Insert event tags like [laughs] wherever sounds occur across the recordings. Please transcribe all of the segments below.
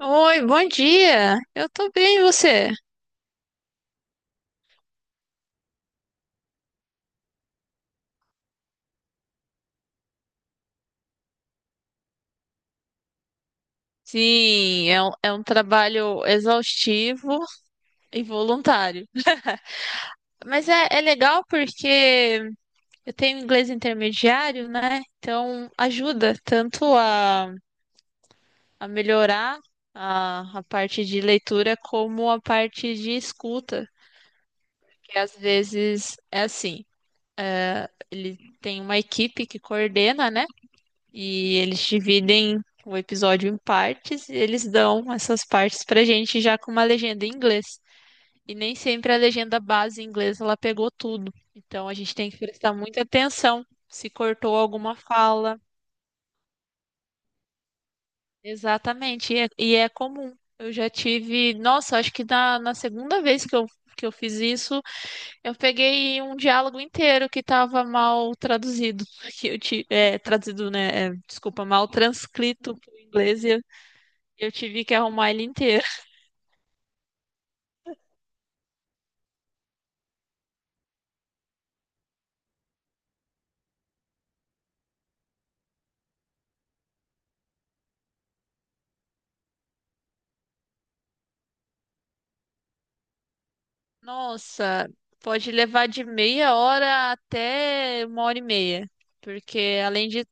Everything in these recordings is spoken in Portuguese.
Oi, bom dia. Eu tô bem, e você? Sim, é um trabalho exaustivo e voluntário. Mas é legal porque eu tenho inglês intermediário, né? Então ajuda tanto a melhorar a parte de leitura como a parte de escuta, que às vezes é assim. Ele tem uma equipe que coordena, né? E eles dividem o episódio em partes e eles dão essas partes pra gente já com uma legenda em inglês. E nem sempre a legenda base em inglês ela pegou tudo. Então a gente tem que prestar muita atenção se cortou alguma fala. Exatamente. E é comum. Eu já tive. Nossa, acho que na segunda vez que eu fiz isso, eu peguei um diálogo inteiro que estava mal traduzido. [laughs] Que eu ti- é, Traduzido, né? Desculpa, mal transcrito para o inglês e eu tive que arrumar ele inteiro. [laughs] Nossa, pode levar de meia hora até uma hora e meia. Porque além de.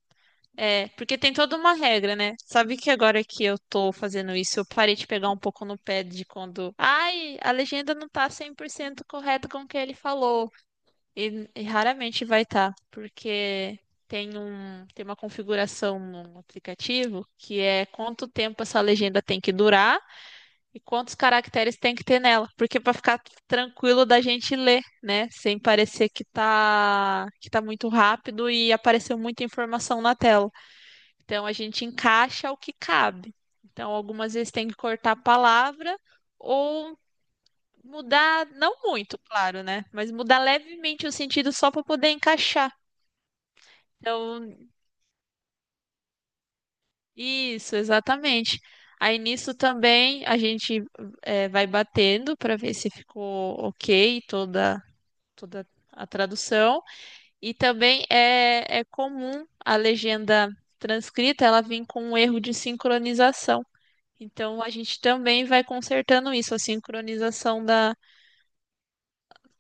É, porque tem toda uma regra, né? Sabe que agora que eu tô fazendo isso, eu parei de pegar um pouco no pé de quando. Ai, a legenda não tá 100% correta com o que ele falou. E raramente vai estar. Tá, porque tem uma configuração no aplicativo que é quanto tempo essa legenda tem que durar. E quantos caracteres tem que ter nela? Porque para ficar tranquilo da gente ler, né? Sem parecer que tá muito rápido e apareceu muita informação na tela. Então a gente encaixa o que cabe. Então algumas vezes tem que cortar a palavra ou mudar, não muito, claro, né? Mas mudar levemente o sentido só para poder encaixar. Então, isso, exatamente. Aí nisso também a gente vai batendo para ver se ficou ok toda a tradução. E também é comum a legenda transcrita ela vir com um erro de sincronização. Então a gente também vai consertando isso, a sincronização da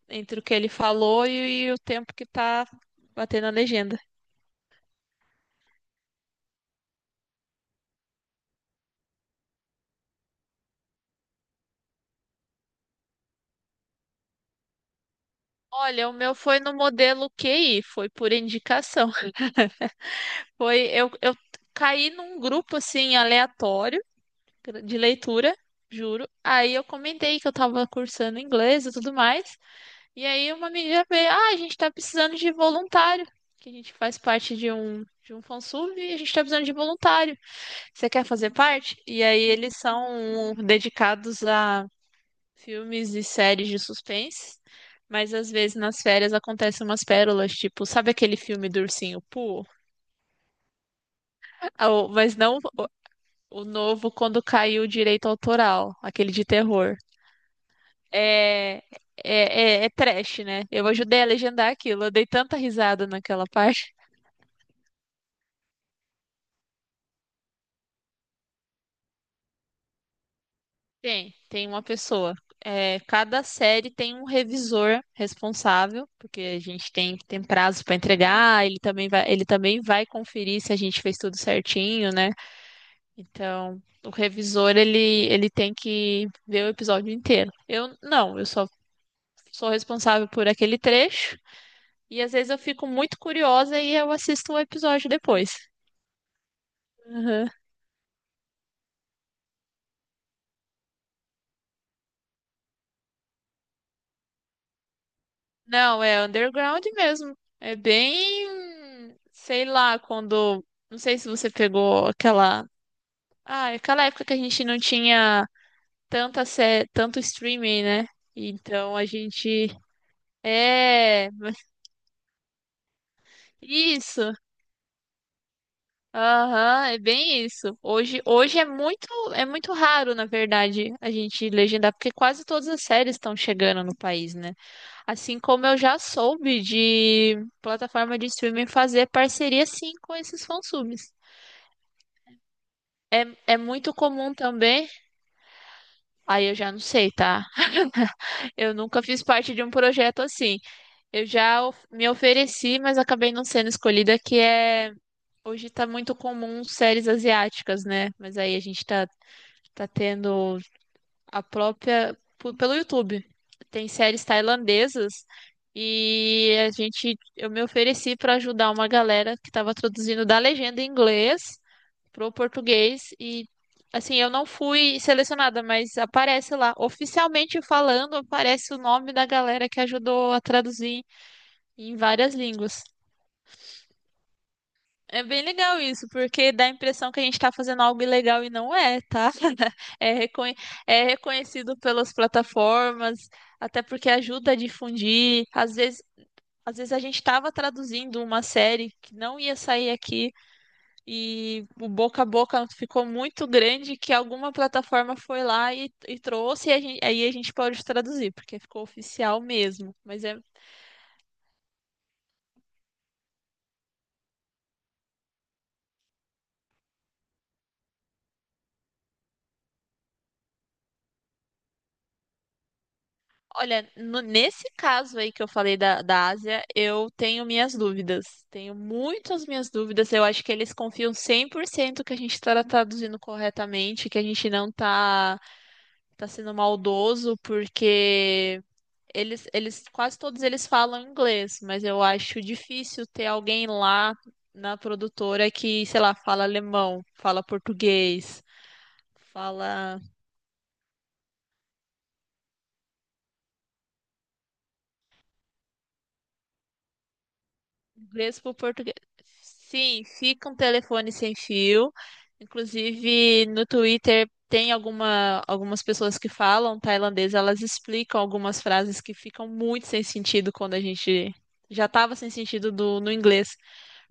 entre o que ele falou e o tempo que está batendo a legenda. Olha, o meu foi no modelo QI, foi por indicação. [laughs] Foi eu caí num grupo assim aleatório de leitura, juro. Aí eu comentei que eu estava cursando inglês e tudo mais. E aí uma amiga veio, ah, a gente tá precisando de voluntário, que a gente faz parte de um fansub e a gente tá precisando de voluntário. Você quer fazer parte? E aí eles são dedicados a filmes e séries de suspense, mas às vezes nas férias acontecem umas pérolas, tipo, sabe aquele filme do Ursinho Pooh? Mas não o novo quando caiu o direito autoral, aquele de terror. É, é trash, né? Eu ajudei a legendar aquilo, eu dei tanta risada naquela [laughs] parte. Tem, tem uma pessoa. É, cada série tem um revisor responsável, porque a gente tem prazo para entregar, ele também vai conferir se a gente fez tudo certinho, né? Então, o revisor, ele tem que ver o episódio inteiro. Eu não, eu só sou responsável por aquele trecho, e às vezes eu fico muito curiosa e eu assisto o episódio depois. Não, é underground mesmo. É bem, sei lá, quando. Não sei se você pegou aquela. Ah, aquela época que a gente não tinha tanta sé... tanto streaming, né? Então a gente. É, isso. Aham, é bem isso. Hoje é muito raro, na verdade, a gente legendar, porque quase todas as séries estão chegando no país, né? Assim como eu já soube de plataforma de streaming fazer parceria sim com esses fansubs. É muito comum também, aí eu já não sei, tá? [laughs] Eu nunca fiz parte de um projeto assim. Me ofereci, mas acabei não sendo escolhida, que é hoje tá muito comum séries asiáticas, né? Mas aí a gente tá tendo a própria. Pelo YouTube. Tem séries tailandesas e a gente. Eu me ofereci para ajudar uma galera que estava traduzindo da legenda em inglês pro português e. Assim, eu não fui selecionada, mas aparece lá. Oficialmente falando, aparece o nome da galera que ajudou a traduzir em várias línguas. É bem legal isso, porque dá a impressão que a gente está fazendo algo ilegal e não é, tá? [laughs] É, reconhe- é reconhecido pelas plataformas, até porque ajuda a difundir. Às vezes a gente estava traduzindo uma série que não ia sair aqui e o boca a boca ficou muito grande que alguma plataforma foi lá e trouxe e a gente, aí a gente pode traduzir, porque ficou oficial mesmo. Mas é olha, nesse caso aí que eu falei da Ásia, eu tenho minhas dúvidas. Tenho muitas minhas dúvidas. Eu acho que eles confiam 100% que a gente está traduzindo corretamente, que a gente não tá sendo maldoso, porque quase todos eles falam inglês, mas eu acho difícil ter alguém lá na produtora que, sei lá, fala alemão, fala português, fala inglês para o português. Sim, fica um telefone sem fio. Inclusive, no Twitter tem algumas pessoas que falam tailandês, elas explicam algumas frases que ficam muito sem sentido quando a gente já estava sem sentido no inglês.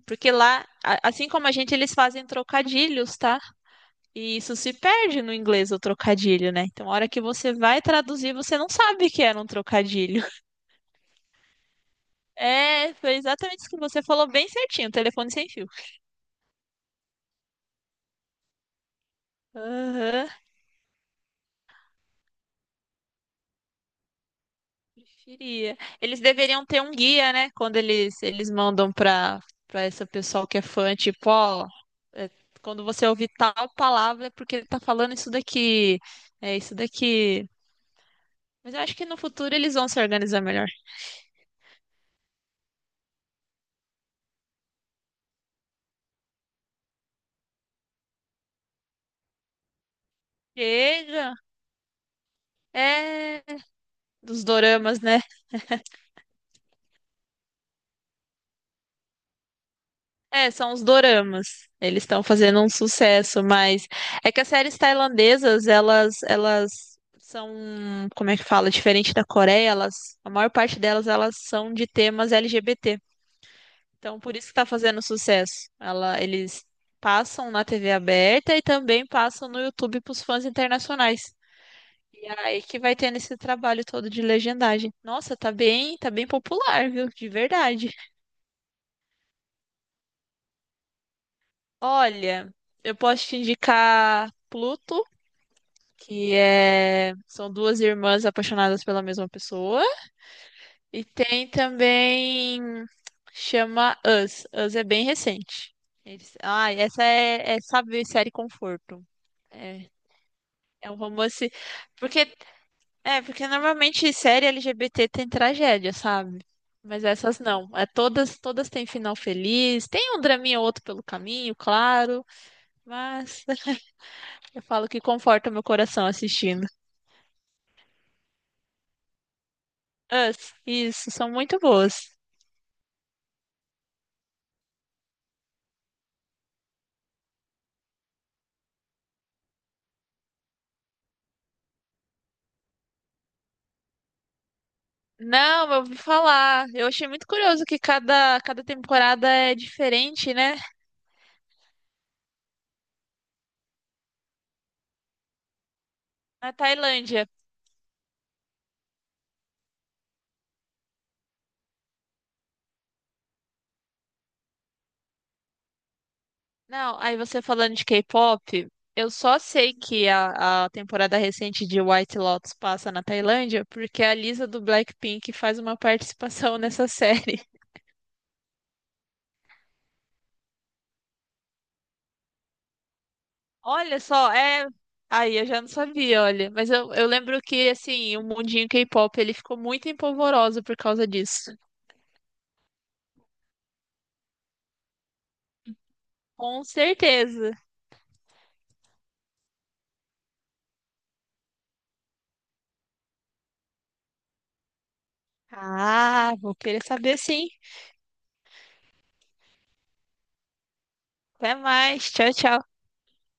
Porque lá, assim como a gente, eles fazem trocadilhos, tá? E isso se perde no inglês, o trocadilho, né? Então, a hora que você vai traduzir, você não sabe que era um trocadilho. [laughs] É, foi exatamente isso que você falou, bem certinho, telefone sem fio. Aham, preferia. Eles deveriam ter um guia, né? Quando eles mandam pra esse pessoal que é fã, tipo, ó, é, quando você ouvir tal palavra é porque ele tá falando isso daqui, é isso daqui. Mas eu acho que no futuro eles vão se organizar melhor. Chega! É, dos doramas, né? É, são os doramas. Eles estão fazendo um sucesso, mas é que as séries tailandesas, elas são, como é que fala, diferente da Coreia, elas, a maior parte delas, elas são de temas LGBT. Então, por isso que tá fazendo sucesso. Ela, eles passam na TV aberta e também passam no YouTube pros fãs internacionais. E é aí que vai tendo esse trabalho todo de legendagem. Nossa, tá bem popular, viu? De verdade. Olha, eu posso te indicar Pluto que é são 2 irmãs apaixonadas pela mesma pessoa. E tem também chama Us. Us é bem recente. Ah, essa é sabe, série conforto. É, é um romance porque é porque normalmente série LGBT tem tragédia, sabe? Mas essas não. É todas têm final feliz. Tem um draminha ou outro pelo caminho, claro, mas [laughs] eu falo que conforta meu coração assistindo. Us, isso, são muito boas. Não, eu ouvi falar. Eu achei muito curioso que cada temporada é diferente, né? Na Tailândia. Não, aí você falando de K-pop, eu só sei que a temporada recente de White Lotus passa na Tailândia porque a Lisa do Blackpink faz uma participação nessa série. [laughs] Olha só, é. Aí eu já não sabia, olha. Mas eu lembro que, assim, o mundinho K-pop ele ficou muito empolvoroso por causa disso. Com certeza. Ah, vou querer saber sim. Até mais. Tchau, tchau.